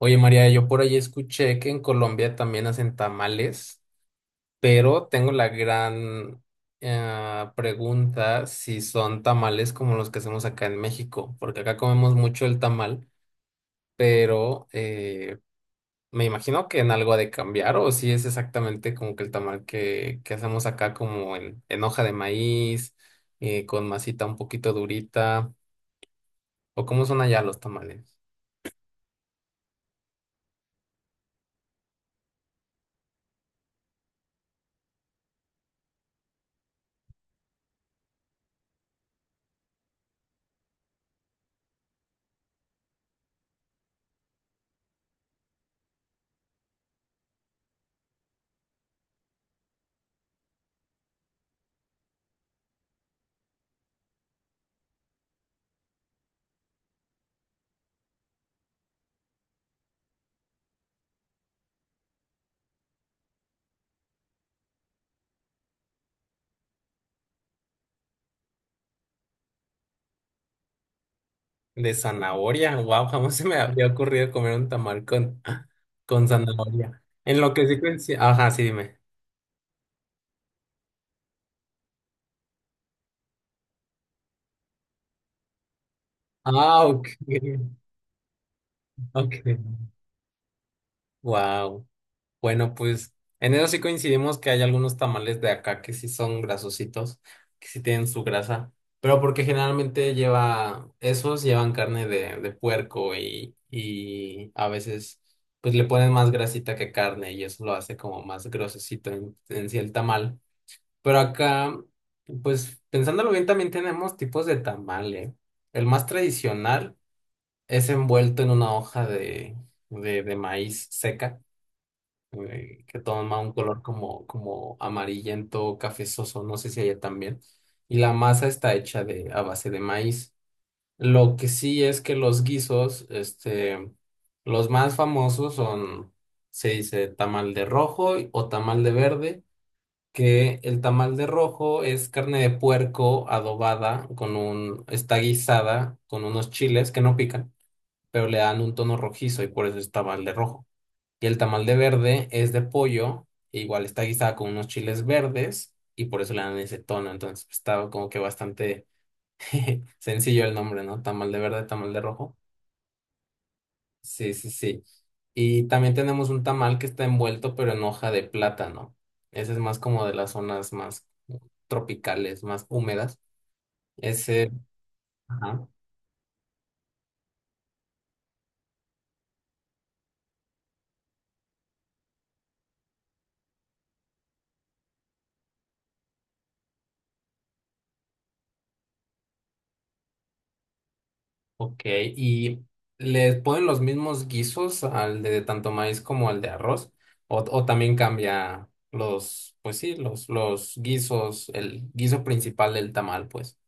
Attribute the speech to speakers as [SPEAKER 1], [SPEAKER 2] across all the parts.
[SPEAKER 1] Oye, María, yo por ahí escuché que en Colombia también hacen tamales, pero tengo la gran pregunta si son tamales como los que hacemos acá en México, porque acá comemos mucho el tamal, pero me imagino que en algo ha de cambiar, o si es exactamente como que el tamal que hacemos acá como en hoja de maíz, con masita un poquito durita, o cómo son allá los tamales. De zanahoria, wow, jamás se me había ocurrido comer un tamal con, con zanahoria. En lo que sí ajá, sí, dime. Ah, ok, ok, wow. Bueno, pues en eso sí coincidimos que hay algunos tamales de acá que sí son grasositos, que sí tienen su grasa, pero porque generalmente lleva, esos llevan carne de puerco y a veces pues le ponen más grasita que carne y eso lo hace como más grosecito en sí el tamal. Pero acá, pues pensándolo bien, también tenemos tipos de tamale. El más tradicional es envuelto en una hoja de maíz seca, que toma un color como, como amarillento, cafezoso, no sé si allá también. Y la masa está hecha de, a base de maíz. Lo que sí es que los guisos, este, los más famosos son, se dice tamal de rojo o tamal de verde que el tamal de rojo es carne de puerco adobada con un, está guisada con unos chiles que no pican, pero le dan un tono rojizo y por eso es tamal de rojo. Y el tamal de verde es de pollo, e igual está guisada con unos chiles verdes y por eso le dan ese tono. Entonces estaba como que bastante sencillo el nombre, ¿no? Tamal de verde, tamal de rojo. Sí, sí, sí. Y también tenemos un tamal que está envuelto, pero en hoja de plátano. Ese es más como de las zonas más tropicales, más húmedas. Ese, ajá, ok. ¿Y le ponen los mismos guisos al de tanto maíz como al de arroz? O también cambia pues sí, los guisos, el guiso principal del tamal, pues?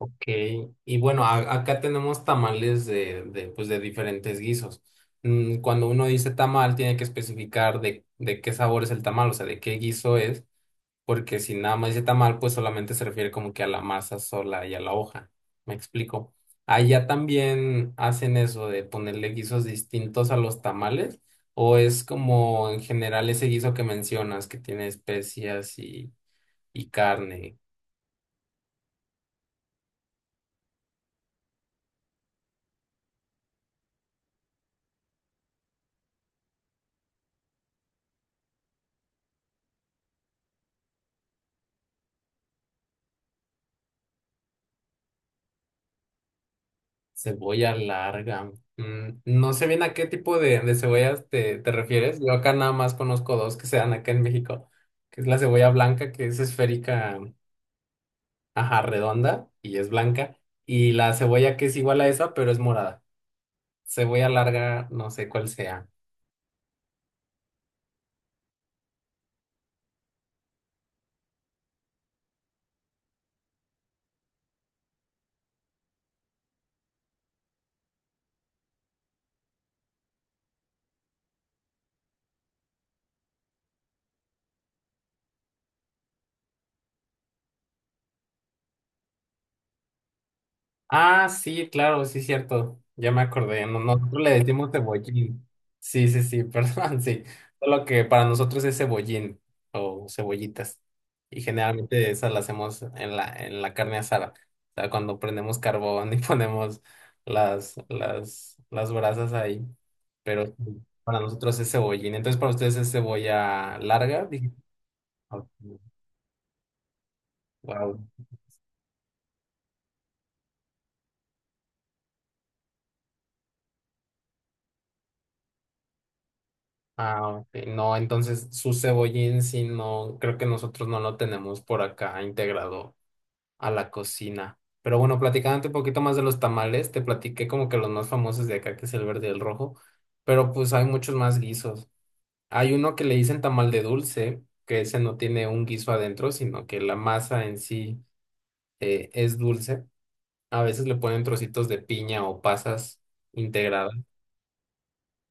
[SPEAKER 1] Ok, y bueno, acá tenemos tamales pues de diferentes guisos. Mm, cuando uno dice tamal, tiene que especificar de qué sabor es el tamal, o sea, de qué guiso es, porque si nada más dice tamal, pues solamente se refiere como que a la masa sola y a la hoja. ¿Me explico? Allá también hacen eso de ponerle guisos distintos a los tamales, o es como en general ese guiso que mencionas, que tiene especias y carne. Cebolla larga. Mm, no sé bien a qué tipo de cebollas te refieres. Yo acá nada más conozco dos que se dan acá en México, que es la cebolla blanca, que es esférica, ajá, redonda y es blanca, y la cebolla que es igual a esa, pero es morada. Cebolla larga, no sé cuál sea. Ah, sí, claro, sí, cierto. Ya me acordé. Nosotros le decimos cebollín. Sí, sí, sí, perdón, sí. Solo que para nosotros es cebollín o cebollitas. Y generalmente esas las hacemos en la carne asada. O sea, cuando prendemos carbón y ponemos las brasas ahí. Pero sí, para nosotros es cebollín. Entonces, para ustedes es cebolla larga. Dije. Wow. Ah, ok. No, entonces su cebollín sí no, creo que nosotros no lo tenemos por acá integrado a la cocina. Pero bueno, platicándote un poquito más de los tamales, te platiqué como que los más famosos de acá, que es el verde y el rojo, pero pues hay muchos más guisos. Hay uno que le dicen tamal de dulce, que ese no tiene un guiso adentro, sino que la masa en sí es dulce. A veces le ponen trocitos de piña o pasas integradas.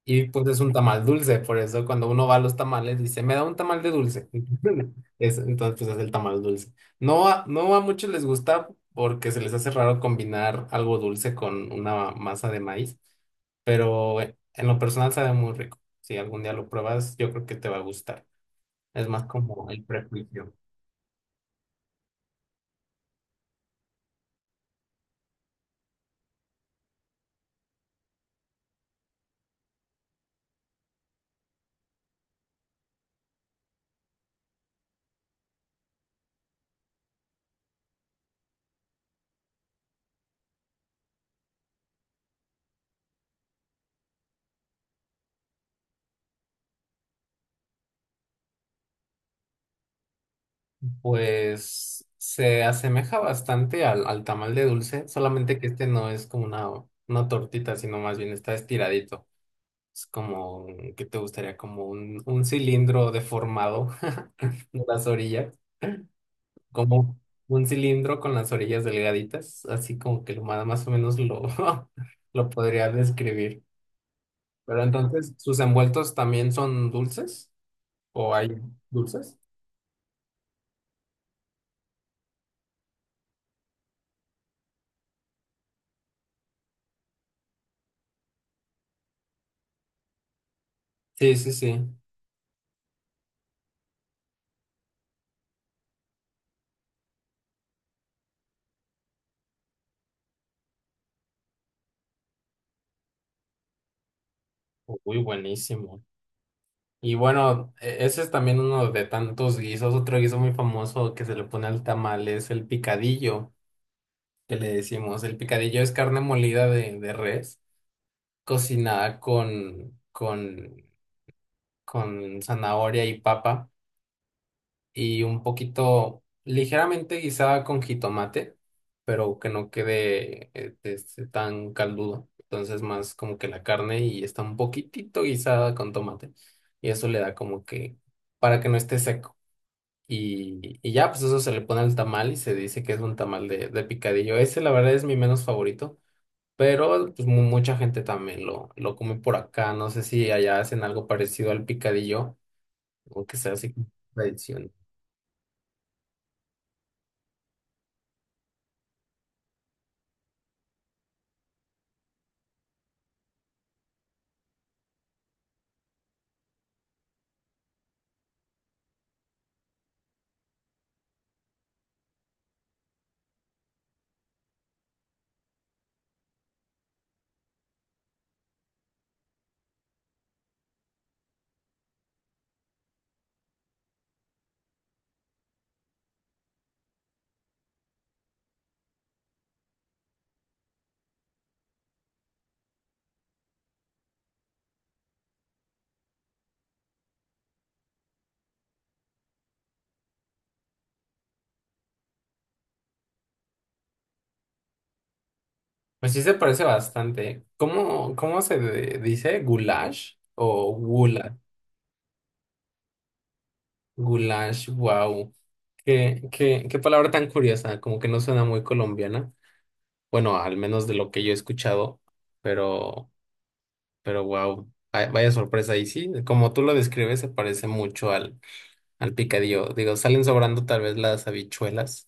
[SPEAKER 1] Y pues es un tamal dulce, por eso cuando uno va a los tamales dice, me da un tamal de dulce. Entonces pues es el tamal dulce. No a muchos les gusta porque se les hace raro combinar algo dulce con una masa de maíz, pero en lo personal sabe muy rico. Si algún día lo pruebas, yo creo que te va a gustar. Es más como el prejuicio. Pues se asemeja bastante al tamal de dulce, solamente que este no es como una tortita, sino más bien está estiradito. Es como, ¿qué te gustaría? Como un cilindro deformado de las orillas, como un cilindro con las orillas delgaditas, así como que lo más, más o menos lo, lo podría describir. Pero entonces, ¿sus envueltos también son dulces? ¿O hay dulces? Sí, sí, sí. Uy, buenísimo. Y bueno, ese es también uno de tantos guisos. Otro guiso muy famoso que se le pone al tamal es el picadillo. Que le decimos. El picadillo es carne molida de res, cocinada con zanahoria y papa y un poquito ligeramente guisada con jitomate, pero que no quede tan caldudo. Entonces más como que la carne y está un poquitito guisada con tomate. Y eso le da como que para que no esté seco. Y ya, pues eso se le pone al tamal y se dice que es un tamal de picadillo. Ese, la verdad, es mi menos favorito. Pero pues mucha gente también lo come por acá. No sé si allá hacen algo parecido al picadillo o que sea así como tradición. Pues sí se parece bastante. ¿Cómo se dice? ¿Goulash o gula? Goulash, wow. Qué palabra tan curiosa. Como que no suena muy colombiana. Bueno, al menos de lo que yo he escuchado. pero Pero wow, vaya sorpresa. Y sí, como tú lo describes, se parece mucho al picadillo. Digo, salen sobrando tal vez las habichuelas,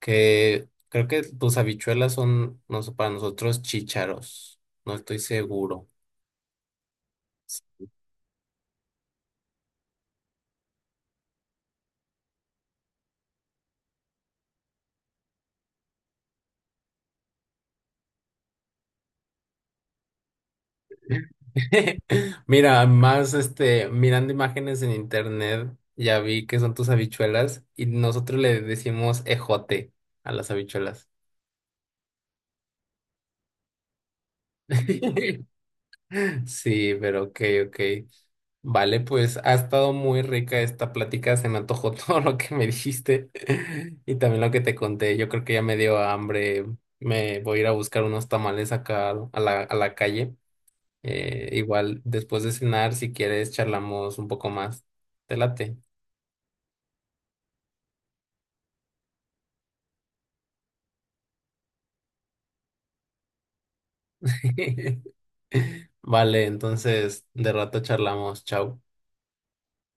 [SPEAKER 1] que creo que tus habichuelas son, no sé, para nosotros chícharos. No estoy seguro. Mira, más este, mirando imágenes en internet, ya vi que son tus habichuelas y nosotros le decimos ejote a las habichuelas. Sí, pero ok, ok. Vale, pues ha estado muy rica esta plática, se me antojó todo lo que me dijiste y también lo que te conté. Yo creo que ya me dio hambre, me voy a ir a buscar unos tamales acá a a la calle. Igual después de cenar, si quieres, charlamos un poco más. Te late. Vale, entonces de rato charlamos. Chao.